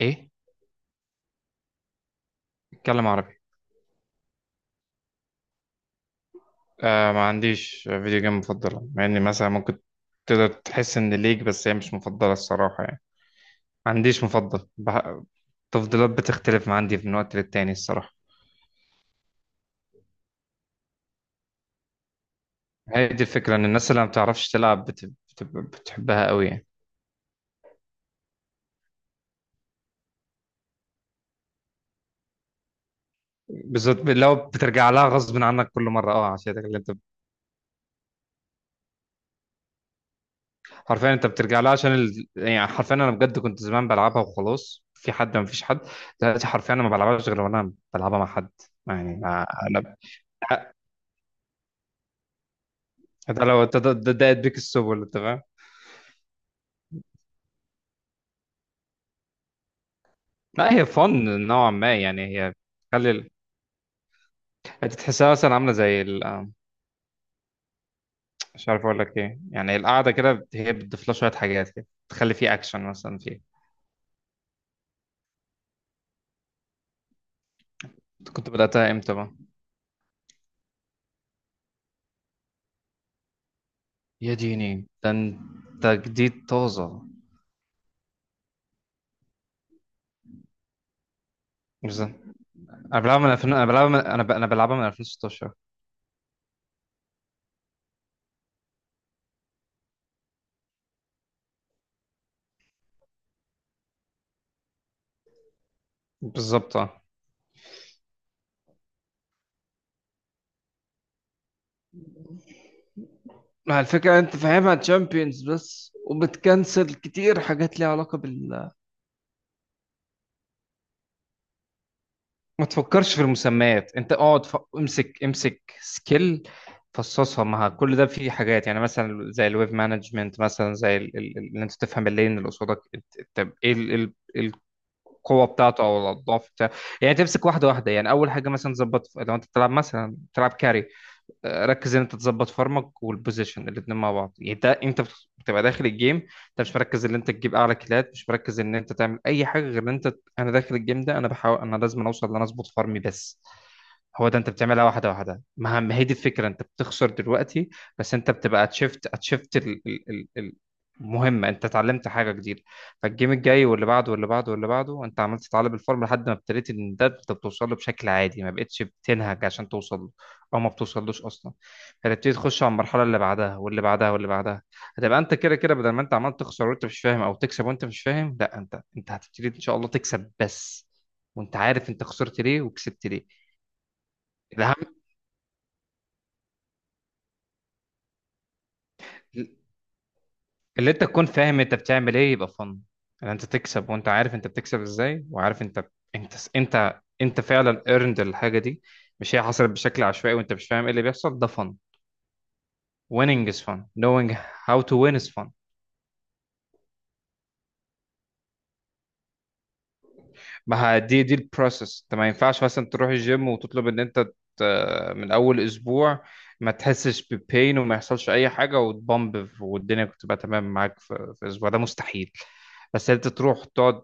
ايه؟ اتكلم عربي. آه، ما عنديش فيديو جيم مفضله، مع اني مثلا ممكن تقدر تحس ان ليك، بس هي مش مفضله الصراحه، يعني ما عنديش مفضل التفضيلات بتختلف عندي من وقت للتاني الصراحه. هي دي الفكره، ان الناس اللي ما بتعرفش تلعب بتحبها قوي، يعني بالذات لو بترجع لها غصب عنك كل مره، اه، عشان اللي انت حرفيا انت بترجع لها عشان يعني حرفيا انا بجد كنت زمان بلعبها وخلاص، في حد، ما فيش حد دلوقتي، حرفيا انا ما بلعبهاش غير وانا بلعبها مع حد، يعني انا. ده لو انت ده بيك السبل، انت فاهم. لا، هي فن نوعا ما، يعني هي تخلي انت تحسها مثلا عامله زي ال... آه، مش عارف اقول لك ايه، يعني القعده كده هي بتضيف لها شويه حاجات كده، تخلي فيه اكشن مثلا فيه. انت كنت بداتها امتى بقى؟ يا ديني، ده انت جديد طازه. بالظبط. انا بلعبها من 2000، انا بلعبها انا بلعبها من 2016. بالظبط، اه. ما الفكره انت فاهمها تشامبيونز بس، وبتكنسل كتير حاجات ليها علاقه بال. ما تفكرش في المسميات، انت اقعد امسك امسك سكيل، فصصها مع كل ده. في حاجات يعني، مثلا زي الويب مانجمنت، مثلا زي ان انت تفهم اللين اللي قصادك طب ايه القوه بتاعته او الاضعاف بتاعته. يعني تمسك واحده واحده، يعني اول حاجه مثلا تظبط، لو انت بتلعب مثلا بتلعب كاري، ركز ان انت تظبط فارمك والبوزيشن الاتنين مع بعض، يعني انت بتبقى داخل الجيم، انت مش مركز ان انت تجيب اعلى كيلات، مش مركز ان انت تعمل اي حاجه غير ان انت، انا داخل الجيم ده، انا بحاول، انا لازم اوصل ان انا اظبط فارمي بس. هو ده، انت بتعملها واحده واحده. ما هي دي الفكره، انت بتخسر دلوقتي بس انت بتبقى اتشفت مهمة، انت اتعلمت حاجة جديدة. فالجيم الجاي واللي بعده واللي بعده واللي بعده انت عملت تتعلم الفورم، لحد ما ابتديت ان ده انت بتوصل له بشكل عادي، ما بقتش بتنهج عشان توصل، او ما بتوصلوش اصلا. هتبتدي تخش على المرحله اللي بعدها واللي بعدها واللي بعدها، هتبقى انت كده كده بدل ما انت عمال تخسر وانت مش فاهم او تكسب وانت مش فاهم، لا، انت هتبتدي ان شاء الله تكسب بس، وانت عارف انت خسرت ليه وكسبت ليه. الاهم اللي انت تكون فاهم انت بتعمل ايه، يبقى فن. ان انت تكسب وانت عارف انت بتكسب ازاي، وعارف انت فعلا earned الحاجه دي، مش هي حصلت بشكل عشوائي وانت مش فاهم ايه اللي بيحصل، ده فن. Winning is fun, knowing how to win is fun. ما ه- دي البروسس. انت ما ينفعش مثلا تروح الجيم وتطلب ان انت ت- من اول اسبوع ما تحسش ببين وما يحصلش اي حاجه وتبامب والدنيا تبقى تمام معاك في اسبوع، ده مستحيل. بس انت تروح تقعد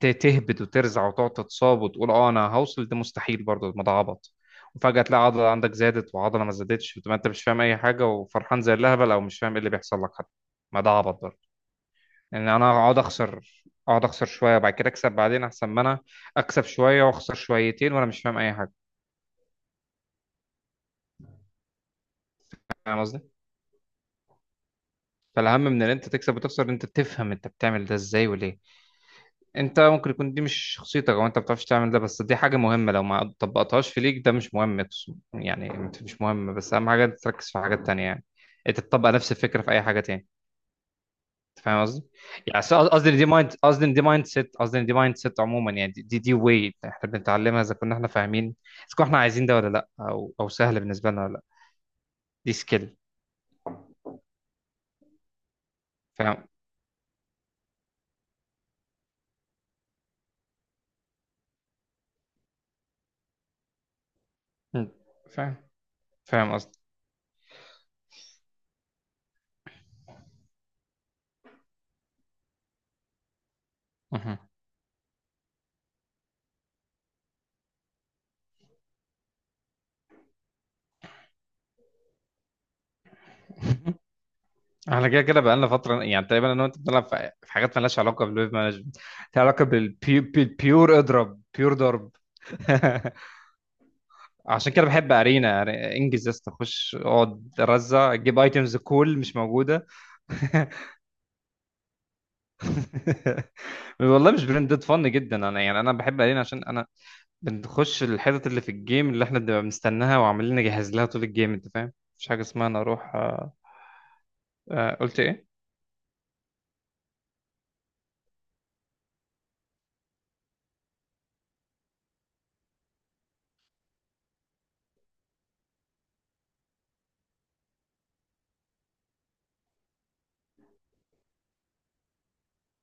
تهبد وترزع وتقعد تتصاب وتقول اه انا هوصل، ده مستحيل برضه، الموضوع عبط. وفجأة تلاقي عضلة عندك زادت وعضلة ما زادتش، وتبقى انت مش فاهم اي حاجة وفرحان زي الهبل، او مش فاهم ايه اللي بيحصل لك حتى. ما ده عبط برضه، ان انا اقعد اخسر، اقعد اخسر شويه وبعد كده اكسب بعدين، احسن ما انا اكسب شويه واخسر شويتين وانا مش فاهم اي حاجه. فاهم قصدي؟ فالاهم من ان انت تكسب وتخسر، ان انت تفهم انت بتعمل ده ازاي وليه. انت ممكن يكون دي مش شخصيتك، او انت ما بتعرفش تعمل ده، بس دي حاجه مهمه. لو ما طبقتهاش في ليك، ده مش مهم يعني، مش مهم، بس اهم حاجه أنت تركز في حاجات تانية، يعني انت تطبق نفس الفكره في اي حاجه تاني. أنت فاهم قصدي؟ يعني قصدي إن دي مايند سيت عموما، يعني دي واي احنا بنتعلمها، اذا كنا احنا فاهمين، اذا كنا احنا عايزين ده ولا لا، او او سهل بالنسبه لنا ولا لا، دي سكيل. فاهم. م. فاهم. فاهم قصدي. مهم. احنا كده كده بقالنا فتره، يعني تقريبا انا وانت بنلعب في حاجات مالهاش علاقه بالويب مانجمنت، لها علاقه بالبيور، اضرب بيور ضرب. عشان كده بحب ارينا، يعني انجز يا اسطى، خش اقعد رزع، جيب ايتمز، كول مش موجوده. والله مش برندد، فن جدا. انا يعني انا بحب الين عشان انا بنخش الحتت اللي في الجيم اللي احنا بنبقى مستناها وعمالين نجهز لها طول الجيم، انت فاهم، مفيش حاجه اسمها انا اروح. قلت ايه؟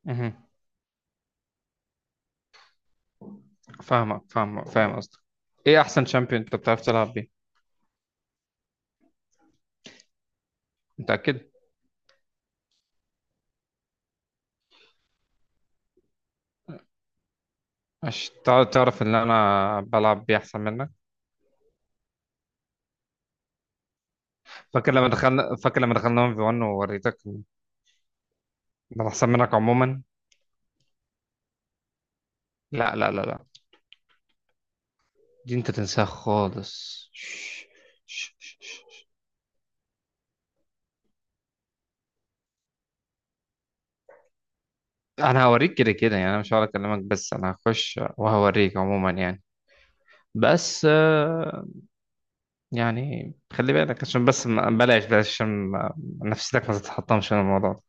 مهم. فاهمك فاهمك فاهم قصدك. ايه احسن شامبيون انت بتعرف تلعب بيه؟ متاكد؟ عشان تعرف ان انا بلعب بيه احسن منك. فاكر لما دخلنا 1 في 1 ووريتك إن انا احسن منك عموما. لا لا لا لا، دي انت تنساها خالص. انا هوريك كده كده، يعني انا مش هقعد اكلمك بس انا هخش وهوريك عموما. يعني بس يعني خلي بالك، عشان بس بلاش بلاش، عشان نفسيتك ما تتحطمش من الموضوع ده.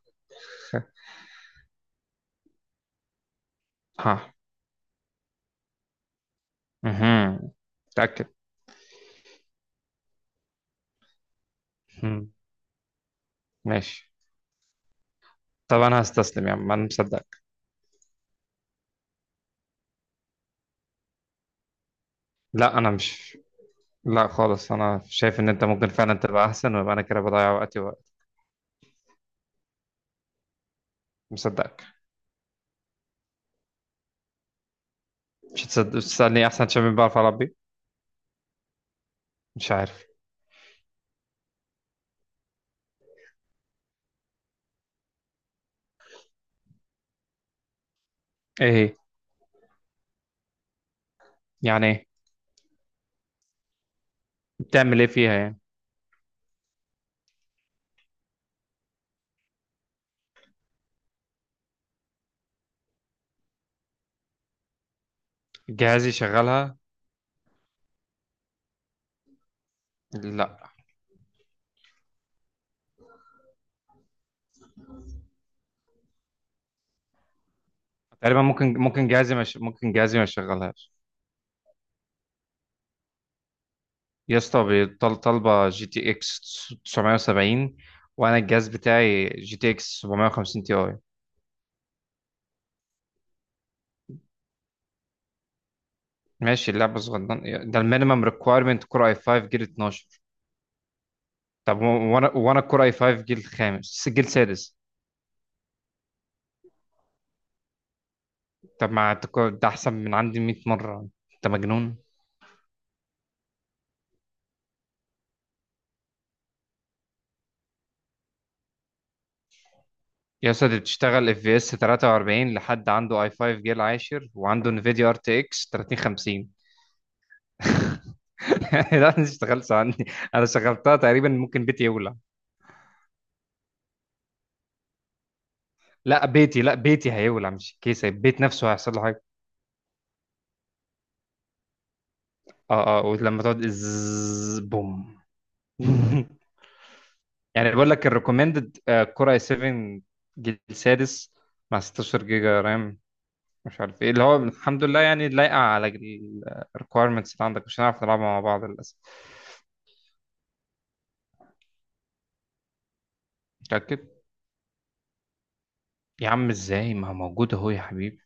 ها. مهم. متأكد؟ مهم. ماشي. طب انا هستسلم يا عم، انا مصدقك. لا انا مش، لا خالص، انا شايف ان انت ممكن فعلا تبقى احسن، ويبقى انا كده بضيع وقتي ووقت. مصدقك. مش تسألني احسن شباب بعرف اربي؟ مش عارف. ايه هي؟ يعني ايه؟ بتعمل ايه فيها يعني؟ جهازي شغالها؟ لا، تقريبا ممكن جهازي ما يشغلهاش. يا اسطى طالبه جي تي اكس 970، وانا الجهاز بتاعي جي تي اكس 750 تي اي. ماشي، اللعبه صغيره. ده المينيمم ريكويرمنت كور اي 5 جيل 12. طب وانا كور اي 5 جيل خامس جيل سادس. طب ما أنت ده احسن من عندي 100 مره، انت مجنون. يا اسطى دي بتشتغل اف في اس 43 لحد عنده اي 5 جيل عاشر وعنده انفيديا ار تي اكس 3050. لا انا اشتغلت عني. انا شغلتها، تقريبا ممكن بيتي يولع. لا بيتي، لا بيتي هيولع مش الكيسه، البيت نفسه هيحصل له حاجه. اه اه، ولما تقعد ازز، بوم. يعني بقول لك الريكومندد كور اي 7 جيل سادس مع 16 جيجا رام، مش عارف ايه اللي هو. الحمد لله يعني لايقه على الريكويرمنتس اللي عندك. مش هنعرف نلعبها مع بعض للاسف. متاكد؟ يا عم ازاي، ما هو موجود اهو يا حبيبي.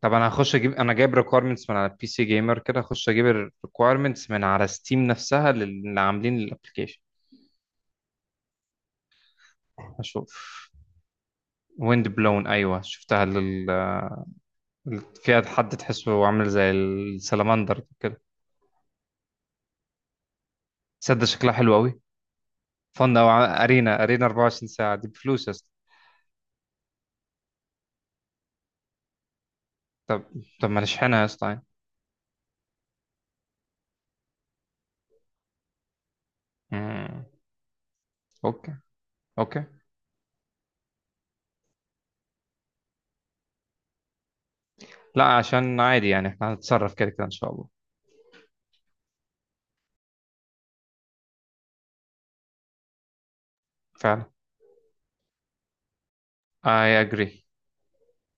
طب انا هخش اجيب، انا جايب ريكويرمنتس من على بي سي جيمر، كده هخش اجيب الريكويرمنتس من على ستيم نفسها، اللي عاملين الابلكيشن. اشوف. ويند بلون، ايوه شفتها فيها حد تحسه عامل زي السلمندر كده. تصدق شكلها حلو قوي. فن او ارينا. ارينا 24 ساعه دي بفلوس يا اسطى. طب طب ما نشحنها يا اسطى يعني. مم. اوكي. اوكي. لا، عشان عادي يعني احنا هنتصرف كده كده ان شاء الله. فعلا. I agree.